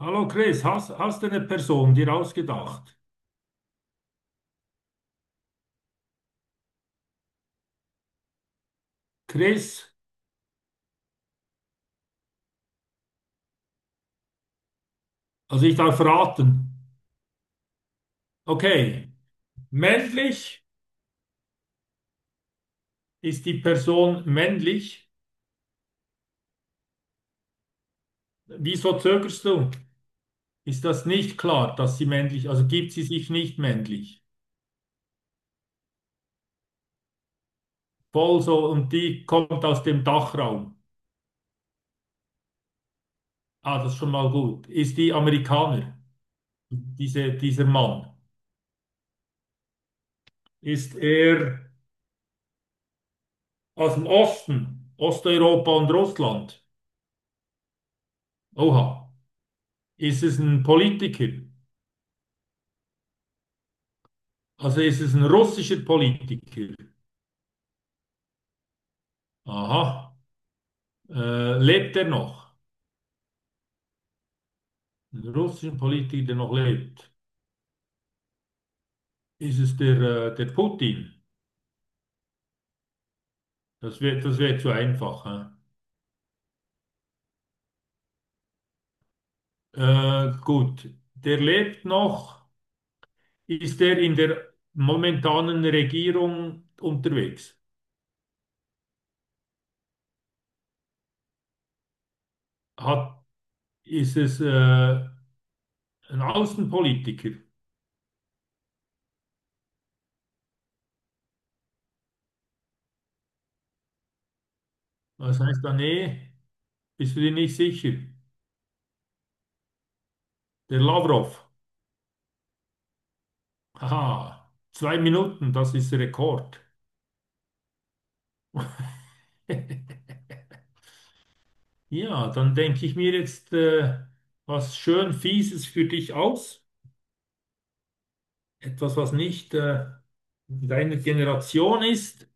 Hallo Chris, hast du eine Person dir ausgedacht? Chris, also ich darf raten. Okay, männlich ist die Person männlich? Wieso zögerst du? Ist das nicht klar, dass sie männlich, also gibt sie sich nicht männlich? Voll so, und die kommt aus dem Dachraum. Ah, das ist schon mal gut. Ist die Amerikaner, dieser Mann? Ist er aus dem Osten, Osteuropa und Russland? Oha. Ist es ein Politiker? Also ist es ein russischer Politiker. Aha. Lebt er noch? Ein russischer Politiker, der noch lebt. Ist es der Putin? Das wär zu einfach, hä? Gut. Der lebt noch. Ist er in der momentanen Regierung unterwegs? Hat, ist es ein Außenpolitiker? Was heißt da? Nee, bist du dir nicht sicher? Der Lavrov. Haha. Zwei Minuten, das ist Rekord. Ja, dann denke ich mir jetzt was schön Fieses für dich aus. Etwas, was nicht deiner Generation ist.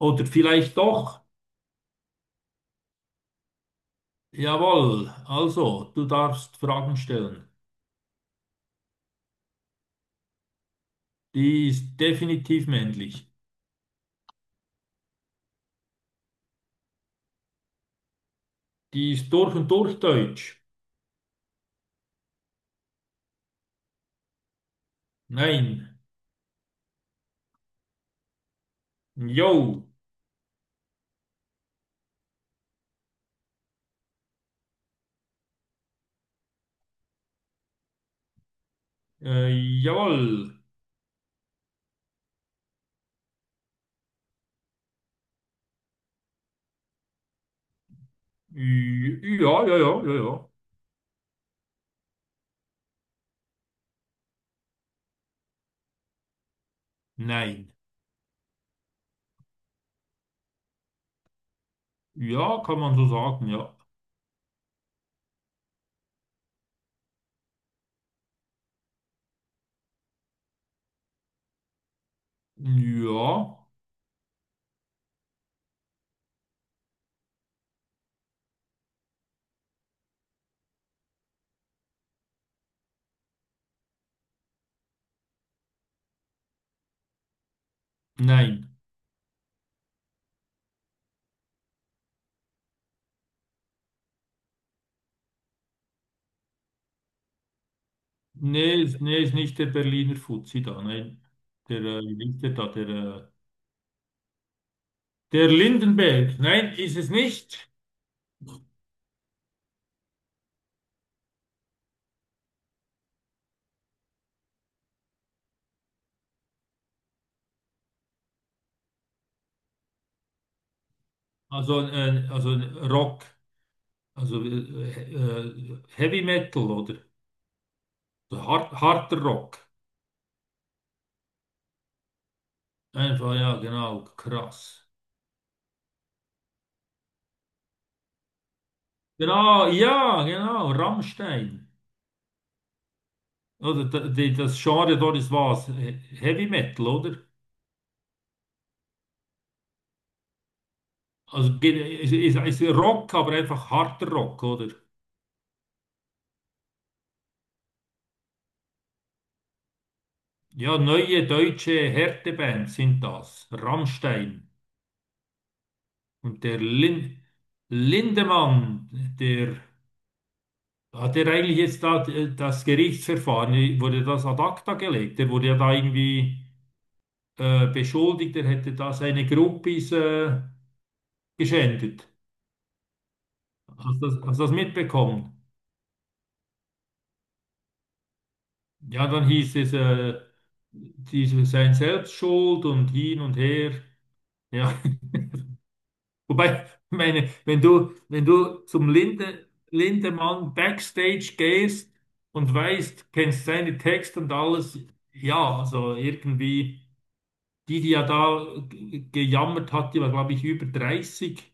Oder vielleicht doch. Jawohl, also, du darfst Fragen stellen. Die ist definitiv männlich. Die ist durch und durch deutsch. Nein. Jo. Äh, Jawohl. Ja, ja, ja, ja, ja. Nein. Ja, kann man so sagen, ja. Ja. Nein. Nee, ist nicht der Berliner Fuzzi da, nein. Der, wie ist der da, der, der Lindenberg, nein, ist es nicht. Also Rock, also Heavy Metal oder so harter Rock. Einfach, ja, genau, krass. Genau, ja, genau, Rammstein. Oder das Genre dort ist was? Heavy Metal, oder? Also ist Rock, aber einfach harter Rock, oder? Ja, neue deutsche Härteband sind das. Rammstein und der Lindemann, der hat er eigentlich jetzt da das Gerichtsverfahren, wurde das ad acta gelegt. Der wurde ja da irgendwie beschuldigt, er hätte da seine Groupies geschändet. Hast du das mitbekommen? Ja, dann hieß es, diese, sein Selbstschuld und hin und her. Ja, Wobei, meine, wenn du zum Lindemann Backstage gehst und weißt, kennst seine Texte und alles, ja, also irgendwie, die ja da gejammert hat, die war, glaube ich, über 30,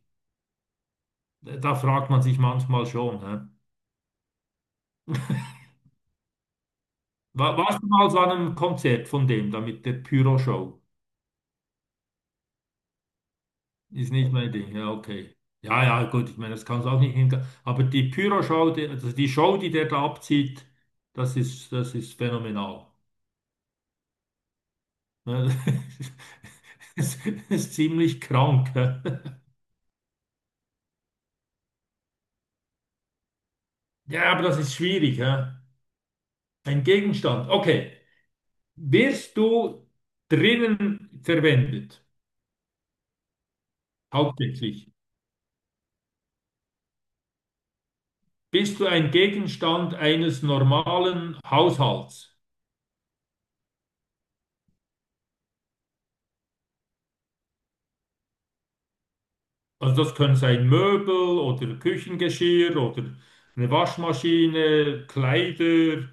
da fragt man sich manchmal schon, hä? Warst du mal so an einem Konzert von dem, da mit der Pyro-Show? Ist nicht mein Ding, ja, okay. Ja, ja, gut, ich meine, das kann es auch nicht hinkriegen. Aber die Pyro-Show, also die Show, die der da abzieht, das ist phänomenal. Ne, Das ist ziemlich krank, hä? Ja, aber das ist schwierig, hä? Ein Gegenstand. Okay. Wirst du drinnen verwendet? Hauptsächlich. Bist du ein Gegenstand eines normalen Haushalts? Also das können sein Möbel oder Küchengeschirr oder eine Waschmaschine, Kleider,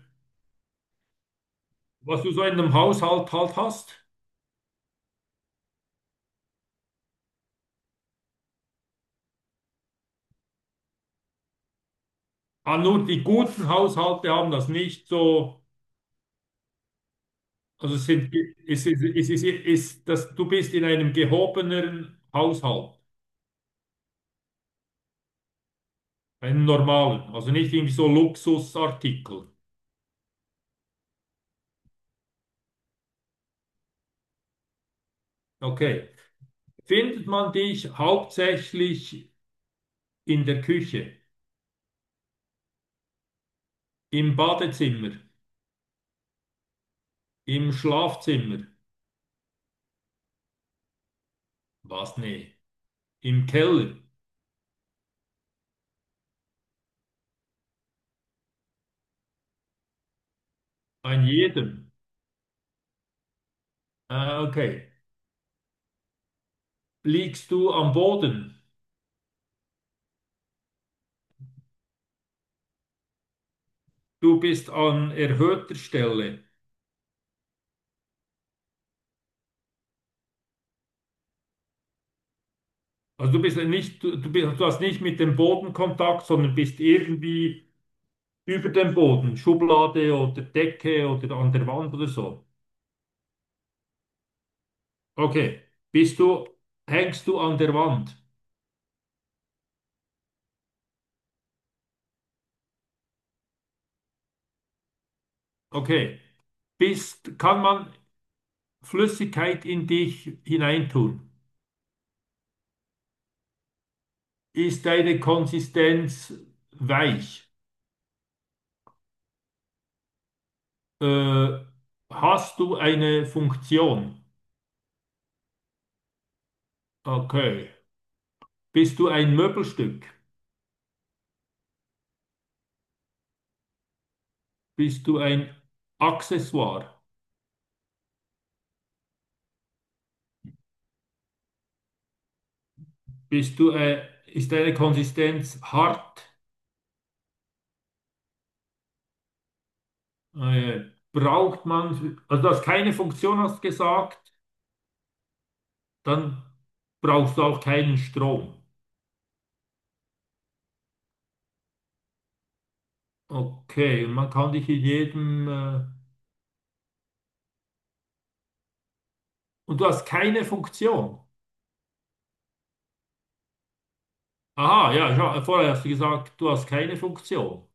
was du so in einem Haushalt halt hast. Ah, nur die guten Haushalte haben das nicht so. Also es sind, es ist, ist, dass du bist in einem gehobeneren Haushalt, einem normalen, also nicht irgendwie so Luxusartikel. Okay. Findet man dich hauptsächlich in der Küche, im Badezimmer, im Schlafzimmer? Was? Nee. Im Keller, an jedem. Ah, okay. Liegst du am Boden? Du bist an erhöhter Stelle. Also du bist nicht, du bist, du hast nicht mit dem Boden Kontakt, sondern bist irgendwie über dem Boden, Schublade oder Decke oder an der Wand oder so. Okay. Bist du, hängst du an der Wand? Okay. Kann man Flüssigkeit in dich hineintun? Ist deine Konsistenz weich? Äh, Hast du eine Funktion? Okay. Bist du ein Möbelstück? Bist du ein Accessoire? Ist deine Konsistenz hart? Äh, Braucht man, also du hast keine Funktion, hast gesagt, dann brauchst du auch keinen Strom. Okay, und man kann dich in jedem, und du hast keine Funktion. Aha, ja, ich vorher hast du gesagt, du hast keine Funktion.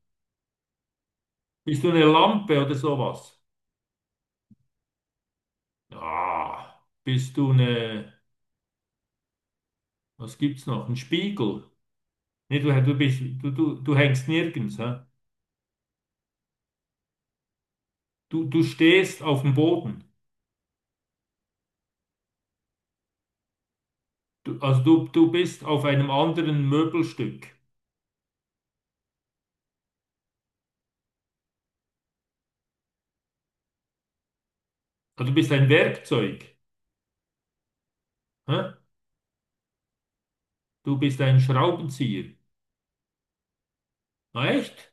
Bist du eine Lampe oder sowas? Ah, bist du eine, was gibt's noch? Ein Spiegel. Nee, du hängst nirgends, hä? Du stehst auf dem Boden. Du bist auf einem anderen Möbelstück. Also du bist ein Werkzeug, hä? Du bist ein Schraubenzieher. Ah, echt?